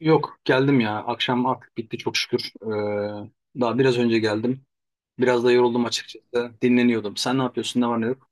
Yok geldim ya. Akşam artık bitti çok şükür. Daha biraz önce geldim. Biraz da yoruldum açıkçası. Dinleniyordum. Sen ne yapıyorsun? Ne var ne yok?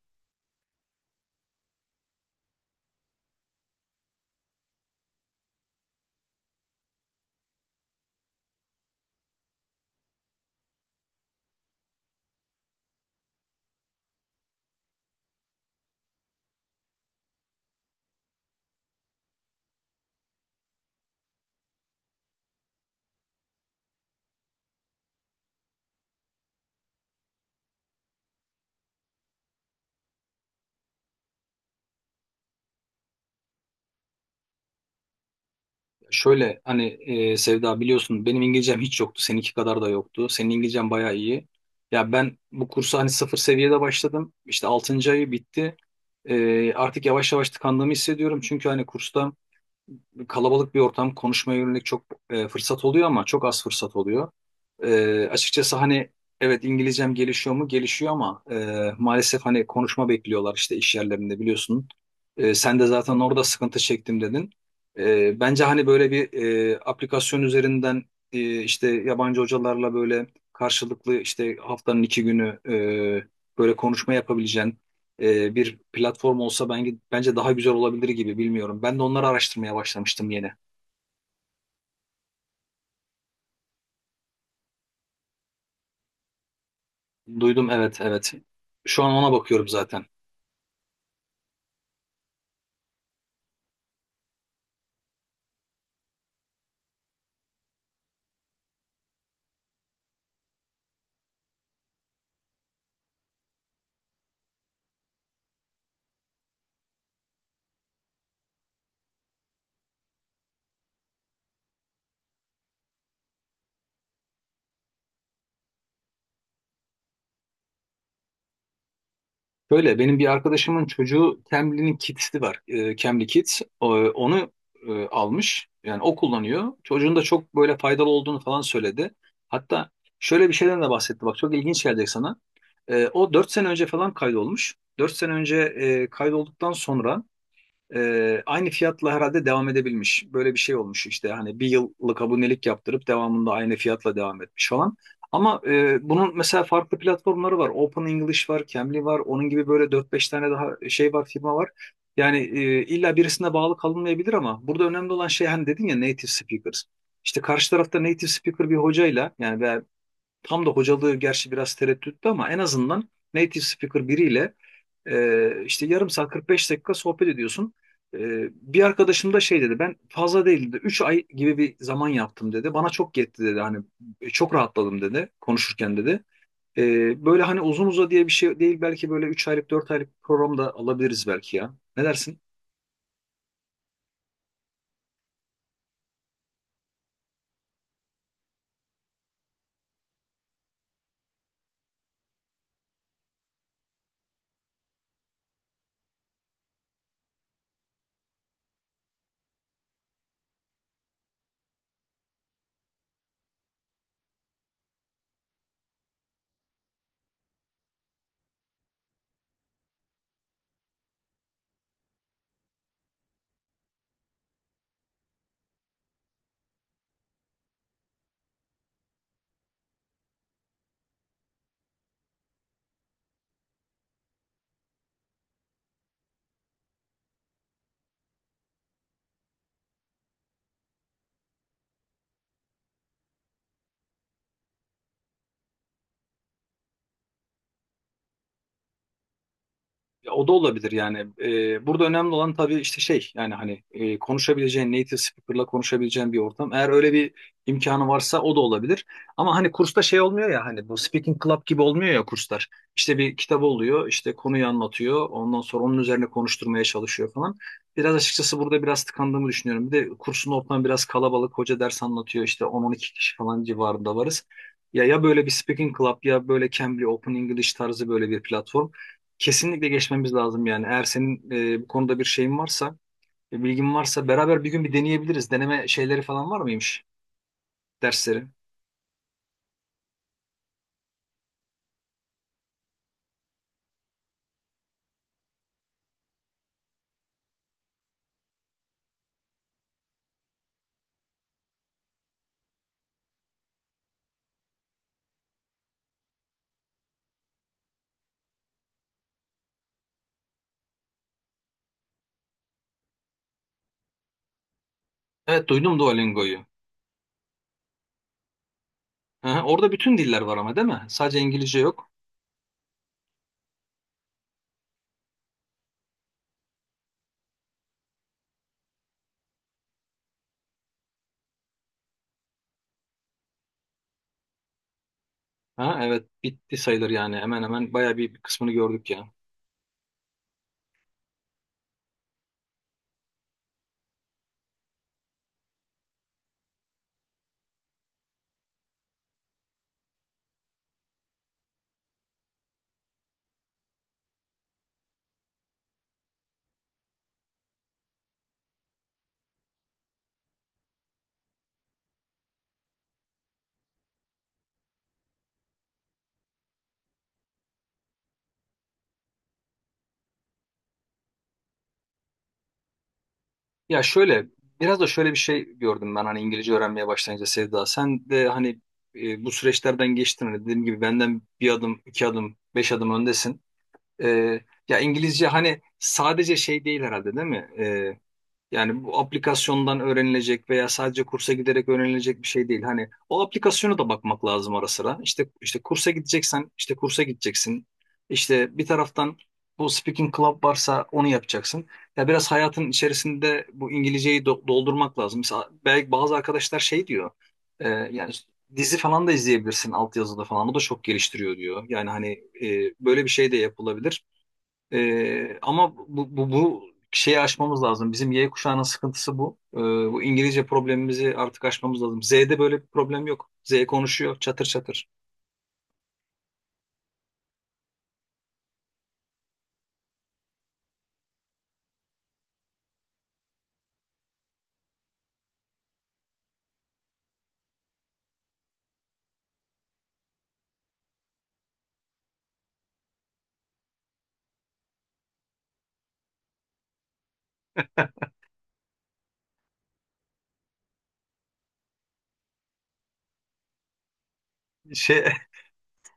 Şöyle hani Sevda, biliyorsun benim İngilizcem hiç yoktu. Seninki kadar da yoktu. Senin İngilizcen bayağı iyi. Ya ben bu kursa hani sıfır seviyede başladım. İşte altıncı ayı bitti. Artık yavaş yavaş tıkandığımı hissediyorum. Çünkü hani kursta kalabalık bir ortam, konuşmaya yönelik çok fırsat oluyor ama çok az fırsat oluyor. Açıkçası hani evet, İngilizcem gelişiyor mu? Gelişiyor ama maalesef hani konuşma bekliyorlar işte iş yerlerinde, biliyorsun. Sen de zaten orada sıkıntı çektim dedin. Bence hani böyle bir aplikasyon üzerinden işte yabancı hocalarla böyle karşılıklı, işte haftanın 2 günü böyle konuşma yapabileceğin bir platform olsa, ben, bence daha güzel olabilir gibi, bilmiyorum. Ben de onları araştırmaya başlamıştım yeni. Duydum, evet, evet. Şu an ona bakıyorum zaten. Böyle benim bir arkadaşımın çocuğu, Cambly'nin Kids'i var. Cambly Kids. Onu almış. Yani o kullanıyor. Çocuğun da çok böyle faydalı olduğunu falan söyledi. Hatta şöyle bir şeyden de bahsetti. Bak, çok ilginç gelecek sana. O 4 sene önce falan kaydolmuş. 4 sene önce kaydolduktan sonra aynı fiyatla herhalde devam edebilmiş. Böyle bir şey olmuş işte, hani bir yıllık abonelik yaptırıp devamında aynı fiyatla devam etmiş falan. Ama bunun mesela farklı platformları var. Open English var, Cambly var. Onun gibi böyle dört beş tane daha şey var, firma var. Yani illa birisine bağlı kalınmayabilir ama burada önemli olan şey, hani dedin ya, native speakers. İşte karşı tarafta native speaker bir hocayla yani tam da hocalığı gerçi biraz tereddütlü ama en azından native speaker biriyle işte yarım saat, 45 dakika sohbet ediyorsun. E, Bir arkadaşım da şey dedi, ben fazla değildi 3 ay gibi bir zaman yaptım dedi. Bana çok yetti dedi, hani çok rahatladım dedi konuşurken dedi. Böyle hani uzun uza diye bir şey değil, belki böyle 3 aylık, 4 aylık program da alabiliriz belki ya. Ne dersin? Ya o da olabilir yani. Burada önemli olan tabii işte şey, yani hani konuşabileceğin, native speaker'la konuşabileceğin bir ortam. Eğer öyle bir imkanı varsa o da olabilir. Ama hani kursta şey olmuyor ya, hani bu speaking club gibi olmuyor ya kurslar. İşte bir kitap oluyor, işte konuyu anlatıyor, ondan sonra onun üzerine konuşturmaya çalışıyor falan. Biraz açıkçası burada biraz tıkandığımı düşünüyorum. Bir de kursun ortamı biraz kalabalık. Hoca ders anlatıyor, işte 10-12 kişi falan civarında varız. Ya ya böyle bir speaking club, ya böyle Cambly, Open English tarzı böyle bir platform. Kesinlikle geçmemiz lazım yani. Eğer senin bu konuda bir şeyin varsa, bilgin varsa beraber bir gün bir deneyebiliriz. Deneme şeyleri falan var mıymış dersleri? Evet, duydum Duolingo'yu. Aha, orada bütün diller var ama değil mi? Sadece İngilizce yok. Ha, evet, bitti sayılır yani. Hemen hemen bayağı bir kısmını gördük ya. Ya şöyle, biraz da şöyle bir şey gördüm ben hani İngilizce öğrenmeye başlayınca, Sevda. Sen de hani bu süreçlerden geçtin. Hani dediğim gibi benden bir adım, iki adım, beş adım öndesin. Ee, Ya İngilizce hani sadece şey değil herhalde, değil mi? Yani bu aplikasyondan öğrenilecek veya sadece kursa giderek öğrenilecek bir şey değil. Hani o aplikasyona da bakmak lazım ara sıra. İşte kursa gideceksen işte kursa gideceksin. İşte bir taraftan bu speaking club varsa onu yapacaksın. Ya biraz hayatın içerisinde bu İngilizceyi doldurmak lazım. Mesela belki bazı arkadaşlar şey diyor. Yani dizi falan da izleyebilirsin altyazıda falan. O da çok geliştiriyor diyor. Yani hani böyle bir şey de yapılabilir. Ama bu şeyi aşmamız lazım. Bizim Y kuşağının sıkıntısı bu. Bu İngilizce problemimizi artık aşmamız lazım. Z'de böyle bir problem yok. Z konuşuyor çatır çatır. Şey,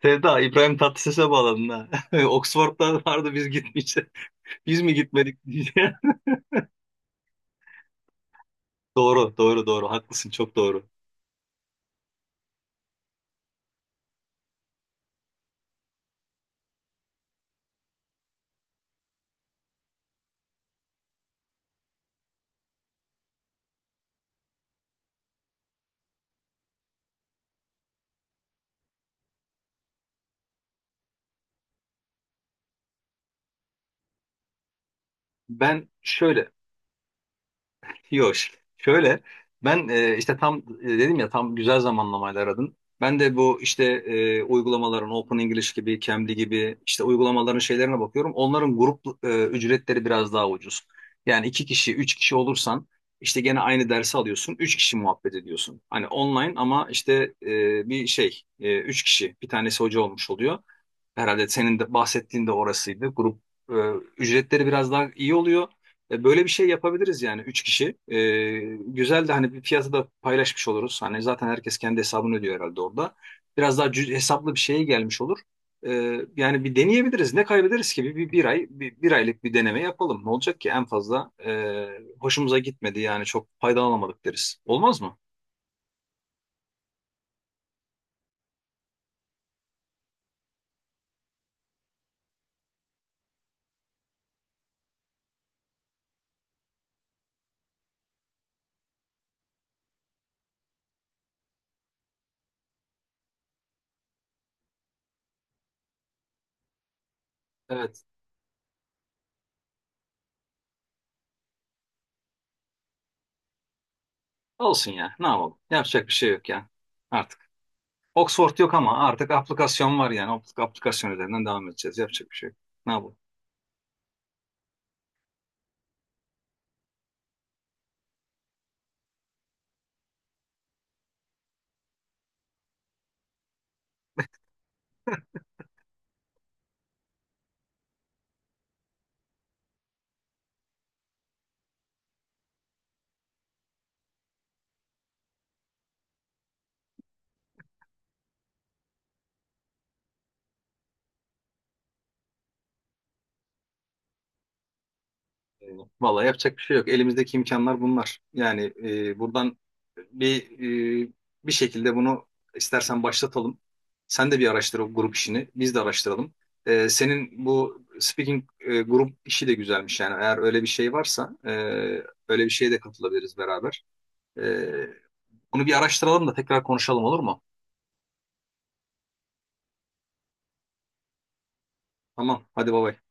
Sevda, İbrahim Tatlıses'e bağladın ha. Oxford'da vardı, biz gitmeyeceğiz. Biz mi gitmedik diye. Doğru, doğru, doğru. Haklısın, çok doğru. Ben şöyle, yok. Şöyle ben işte tam dedim ya, tam güzel zamanlamayla aradın. Ben de bu işte uygulamaların, Open English gibi, Cambly gibi işte uygulamaların şeylerine bakıyorum. Onların grup ücretleri biraz daha ucuz. Yani iki kişi, üç kişi olursan işte gene aynı dersi alıyorsun. Üç kişi muhabbet ediyorsun. Hani online ama işte bir şey, üç kişi, bir tanesi hoca olmuş oluyor. Herhalde senin de bahsettiğin de orasıydı. Grup e, ücretleri biraz daha iyi oluyor. Böyle bir şey yapabiliriz yani, üç kişi. Güzel de hani bir fiyatı da paylaşmış oluruz. Hani zaten herkes kendi hesabını ödüyor herhalde orada. Biraz daha hesaplı bir şeye gelmiş olur. E, Yani bir deneyebiliriz. Ne kaybederiz ki? Bir ay, bir aylık bir deneme yapalım. Ne olacak ki? En fazla hoşumuza gitmedi, yani çok faydalanamadık deriz. Olmaz mı? Evet. Olsun ya. Ne yapalım? Yapacak bir şey yok ya. Artık. Oxford yok ama artık aplikasyon var yani. Aplikasyon üzerinden devam edeceğiz. Yapacak bir şey yok. Ne yapalım? Eyvallah. Vallahi yapacak bir şey yok. Elimizdeki imkanlar bunlar. Yani buradan bir e, bir şekilde bunu istersen başlatalım. Sen de bir araştır o grup işini. Biz de araştıralım. Senin bu speaking grup işi de güzelmiş yani. Eğer öyle bir şey varsa öyle bir şeye de katılabiliriz beraber. E, Bunu bir araştıralım da tekrar konuşalım, olur mu? Tamam. Hadi baba.